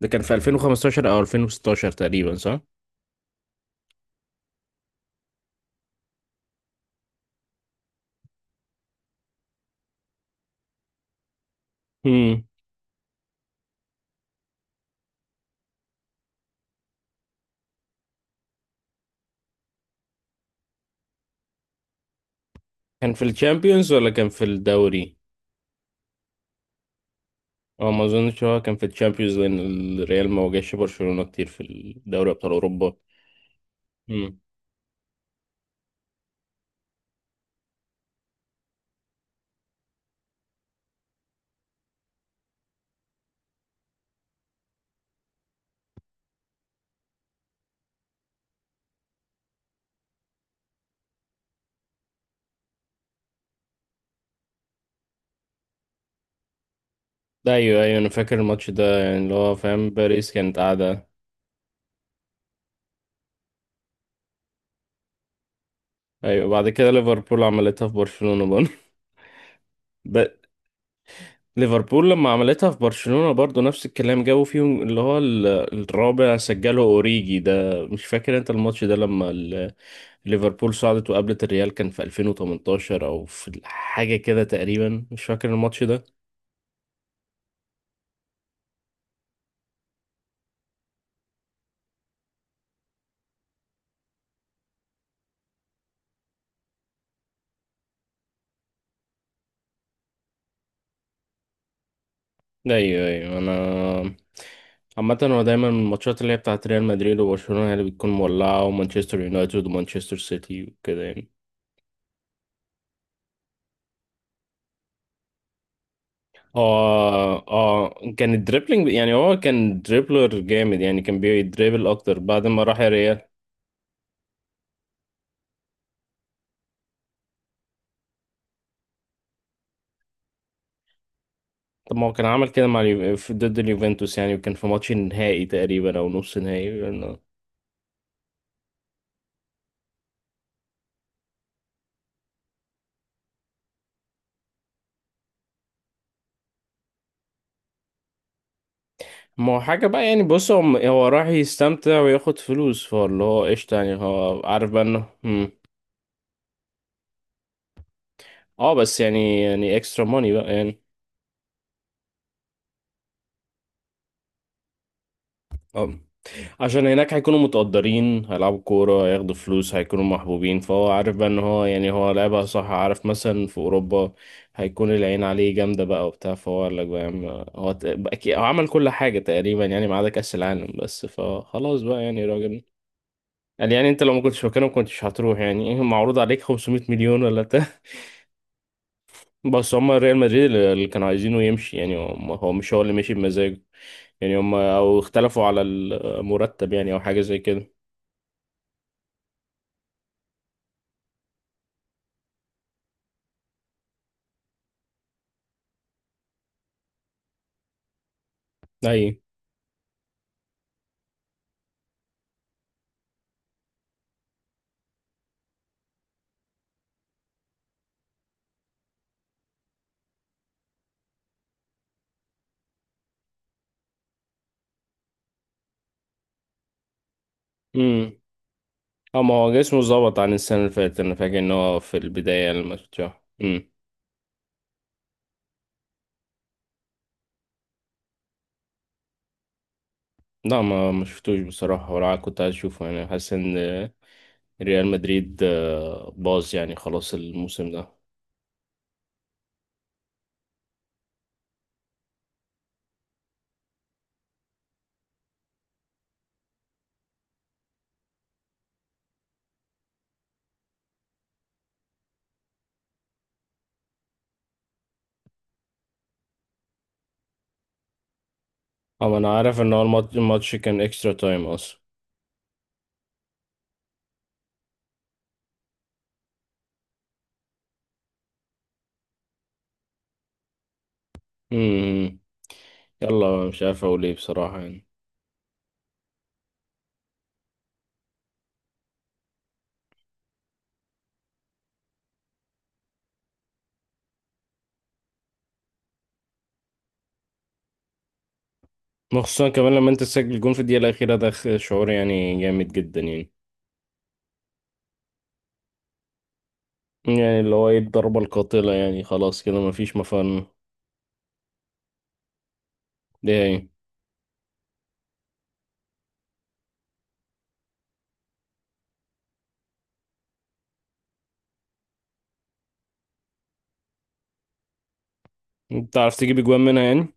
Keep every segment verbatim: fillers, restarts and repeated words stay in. ده كان في ألفين وخمسة عشر او ألفين وستاشر تقريبا، صح؟ امم كان في الشامبيونز ولا كان في الدوري؟ اه، ما اظنش هو كان في الشامبيونز، لان الريال ما واجهش برشلونة كتير في الدوري ابطال اوروبا. امم ده ايوه ايوه، انا فاكر الماتش ده، يعني اللي هو فاهم، باريس كانت قاعدة. ايوه، بعد كده ليفربول عملتها في برشلونة برضه. ب- ليفربول لما عملتها في برشلونة برضه نفس الكلام، جابوا فيهم اللي هو ال- الرابع سجله اوريجي ده. مش فاكر انت الماتش ده، لما ليفربول صعدت وقابلت الريال، كان في ألفين وتمنتاشر او في حاجه كده تقريبا، مش فاكر الماتش ده. ايوه ايوه، انا عامة هو دايما الماتشات اللي هي بتاعت ريال مدريد وبرشلونة هي اللي بتكون مولعة، ومانشستر يونايتد ومانشستر سيتي وكده يعني. اه اه، كان الدريبلينج، يعني هو كان دريبلر جامد، يعني كان بيدريبل اكتر بعد ما راح الريال. طب ما هو كان عمل كده مع اليو... في- ضد اليوفنتوس يعني، وكان في ماتش النهائي تقريبا او نص نهائي. ما هو حاجة بقى يعني، بص، هو هو راح يستمتع وياخد فلوس، فاللي هو قشطة، يعني هو عارف بقى انه مم. اه بس يعني يعني اكسترا ماني بقى يعني. اه، عشان هناك هيكونوا متقدرين، هيلعبوا كورة، هياخدوا فلوس، هيكونوا محبوبين، فهو عارف بقى ان هو، يعني هو لعبها صح، عارف مثلا في اوروبا هيكون العين عليه جامدة بقى وبتاع، فهو قال لك بقى يا عم. هو ت- بقى كي- هو عمل كل حاجة تقريبا يعني، ما عدا كأس العالم بس، فخلاص بقى يعني راجل. قال يعني انت لو ما كنتش مكانه ما كنتش هتروح، يعني ايه، معروض عليك خمسمية مليون ولا؟ بس هما ريال مدريد اللي كانوا عايزينه يمشي، يعني هو هو مش هو اللي مشي بمزاجه، يعني هما او اختلفوا على المرتب يعني، او حاجة زي كده. اي. امم اما هو جسمه ظبط عن السنة اللي فاتت، انا فاكر ان هو في البداية لما شفته. امم لا، ما ما شفتوش بصراحة، ولا كنت عايز اشوفه، يعني حاسس ان ريال مدريد آه، باظ يعني، خلاص الموسم ده. اما انا عارف ان هو الماتش الماتش كان اكسترا تايم اصلا. امم يلا مش عارف اقول ايه بصراحة يعني. خصوصا كمان لما انت تسجل جون في الدقيقة الأخيرة، ده خ- شعور يعني جامد جدا يعني. يعني اللي هو ايه، الضربة القاتلة يعني، خلاص كده مفيش مفر. ده يعني انت عرفت تجيب اجوان منها يعني؟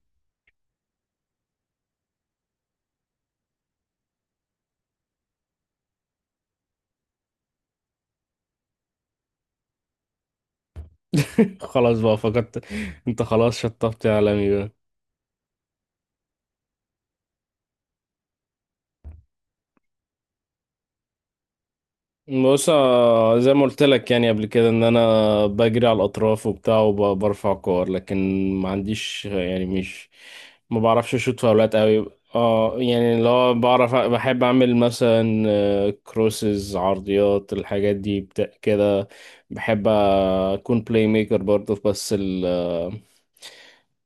خلاص بقى، فقدت. انت خلاص شطبت يا عالمي بقى. بص، آه، زي ما قلت لك يعني، قبل كده، ان انا بجري على الاطراف وبتاع، وبرفع كور، لكن ما عنديش يعني مش، ما بعرفش اشوط فاولات قوي. اه يعني اللي هو بعرف، بحب اعمل مثلا آه، كروسز، عرضيات، الحاجات دي بتا- كده. بحب اكون بلاي ميكر برضه، بس ال آه،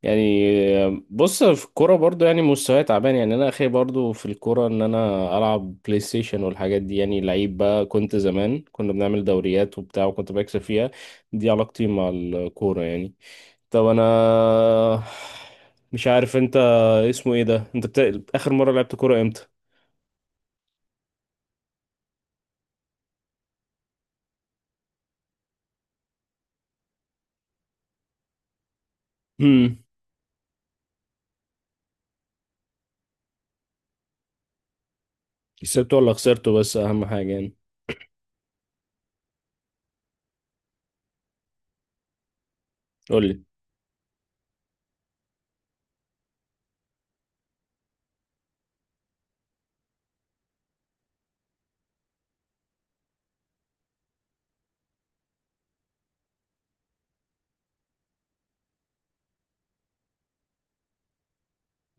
يعني بص، في الكورة برضو يعني مستواي تعبان، يعني انا اخي برضو في الكورة ان انا العب بلاي ستيشن والحاجات دي، يعني لعيب بقى. كنت زمان كنا بنعمل دوريات وبتاع، وكنت بكسب فيها. دي علاقتي مع الكورة يعني. طب انا مش عارف انت، اسمه ايه ده، انت بتا... اخر مرة لعبت كورة امتى؟ امم كسبته ولا خسرته، بس اهم حاجة يعني. قولي.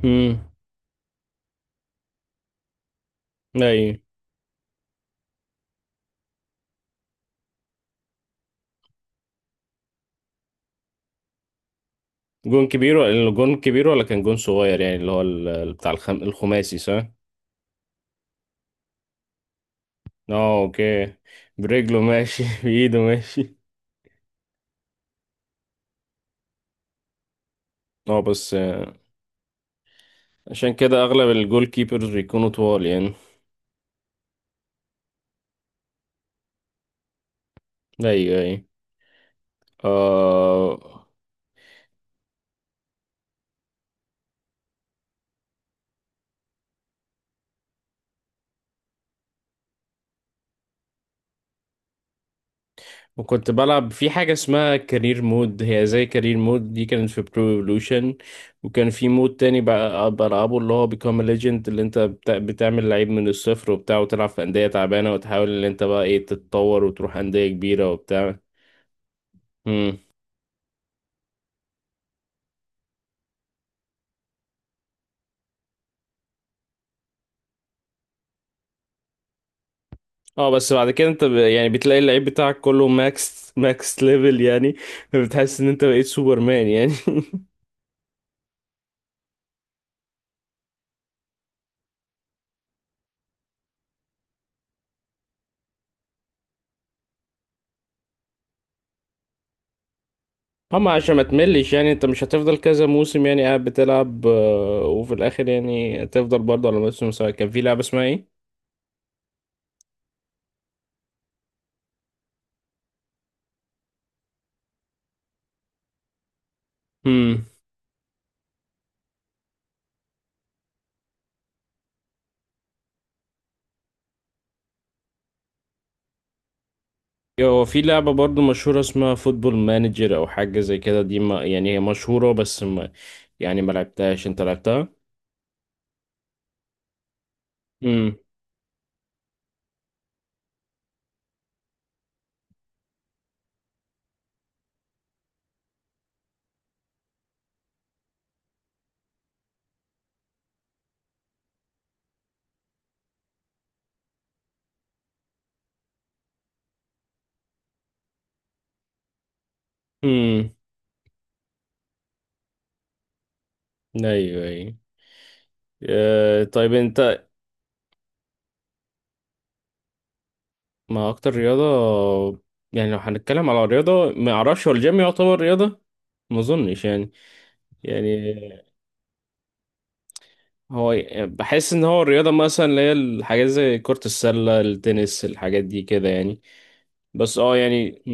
امم اي. جون كبير ولا جون كبير ولا كان جون صغير يعني، اللي هو ال- بتاع الخم... الخماسي صح؟ اه، اوكي. برجله ماشي، بايده ماشي. اه بس آه، عشان كده اغلب الجول كيبرز بيكونوا طوال يعني. ايوه ايوه. آه. وكنت بلعب في حاجة اسمها كارير مود، هي زي كارير مود دي كانت في برو ايفولوشن. وكان في مود تاني بقى بلعبه، اللي هو بيكام ليجند، اللي انت بتا- بتعمل لعيب من الصفر وبتاع، وتلعب في أندية تعبانة، وتحاول ان انت بقى ايه، تتطور وتروح أندية كبيرة وبتاع. اه بس بعد كده انت ب... يعني بتلاقي اللعيب بتاعك كله ماكس ماكس ليفل يعني، فبتحس ان انت بقيت سوبرمان يعني. اما عشان ما تملش يعني، انت مش هتفضل كذا موسم يعني قاعد بتلعب آه، وفي الاخر يعني تفضل برضه على نفس المستوى. كان في لعبة اسمها ايه؟ امم هو في لعبة برضه مشهورة اسمها فوتبول مانجر او حاجة زي كده، دي ما يعني هي مشهورة، بس ما يعني ما لعبتهاش، انت لعبتها؟ امم امم ايوه ايوه. آه، طيب انت، ما اكتر رياضة، يعني لو هنتكلم على رياضة ما اعرفش هو الجيم يعتبر رياضة. ما اظنش يعني، يعني، هو بحس ان هو الرياضة مثلا اللي هي الحاجات زي كرة السلة، التنس، الحاجات دي كده يعني. بس اه يعني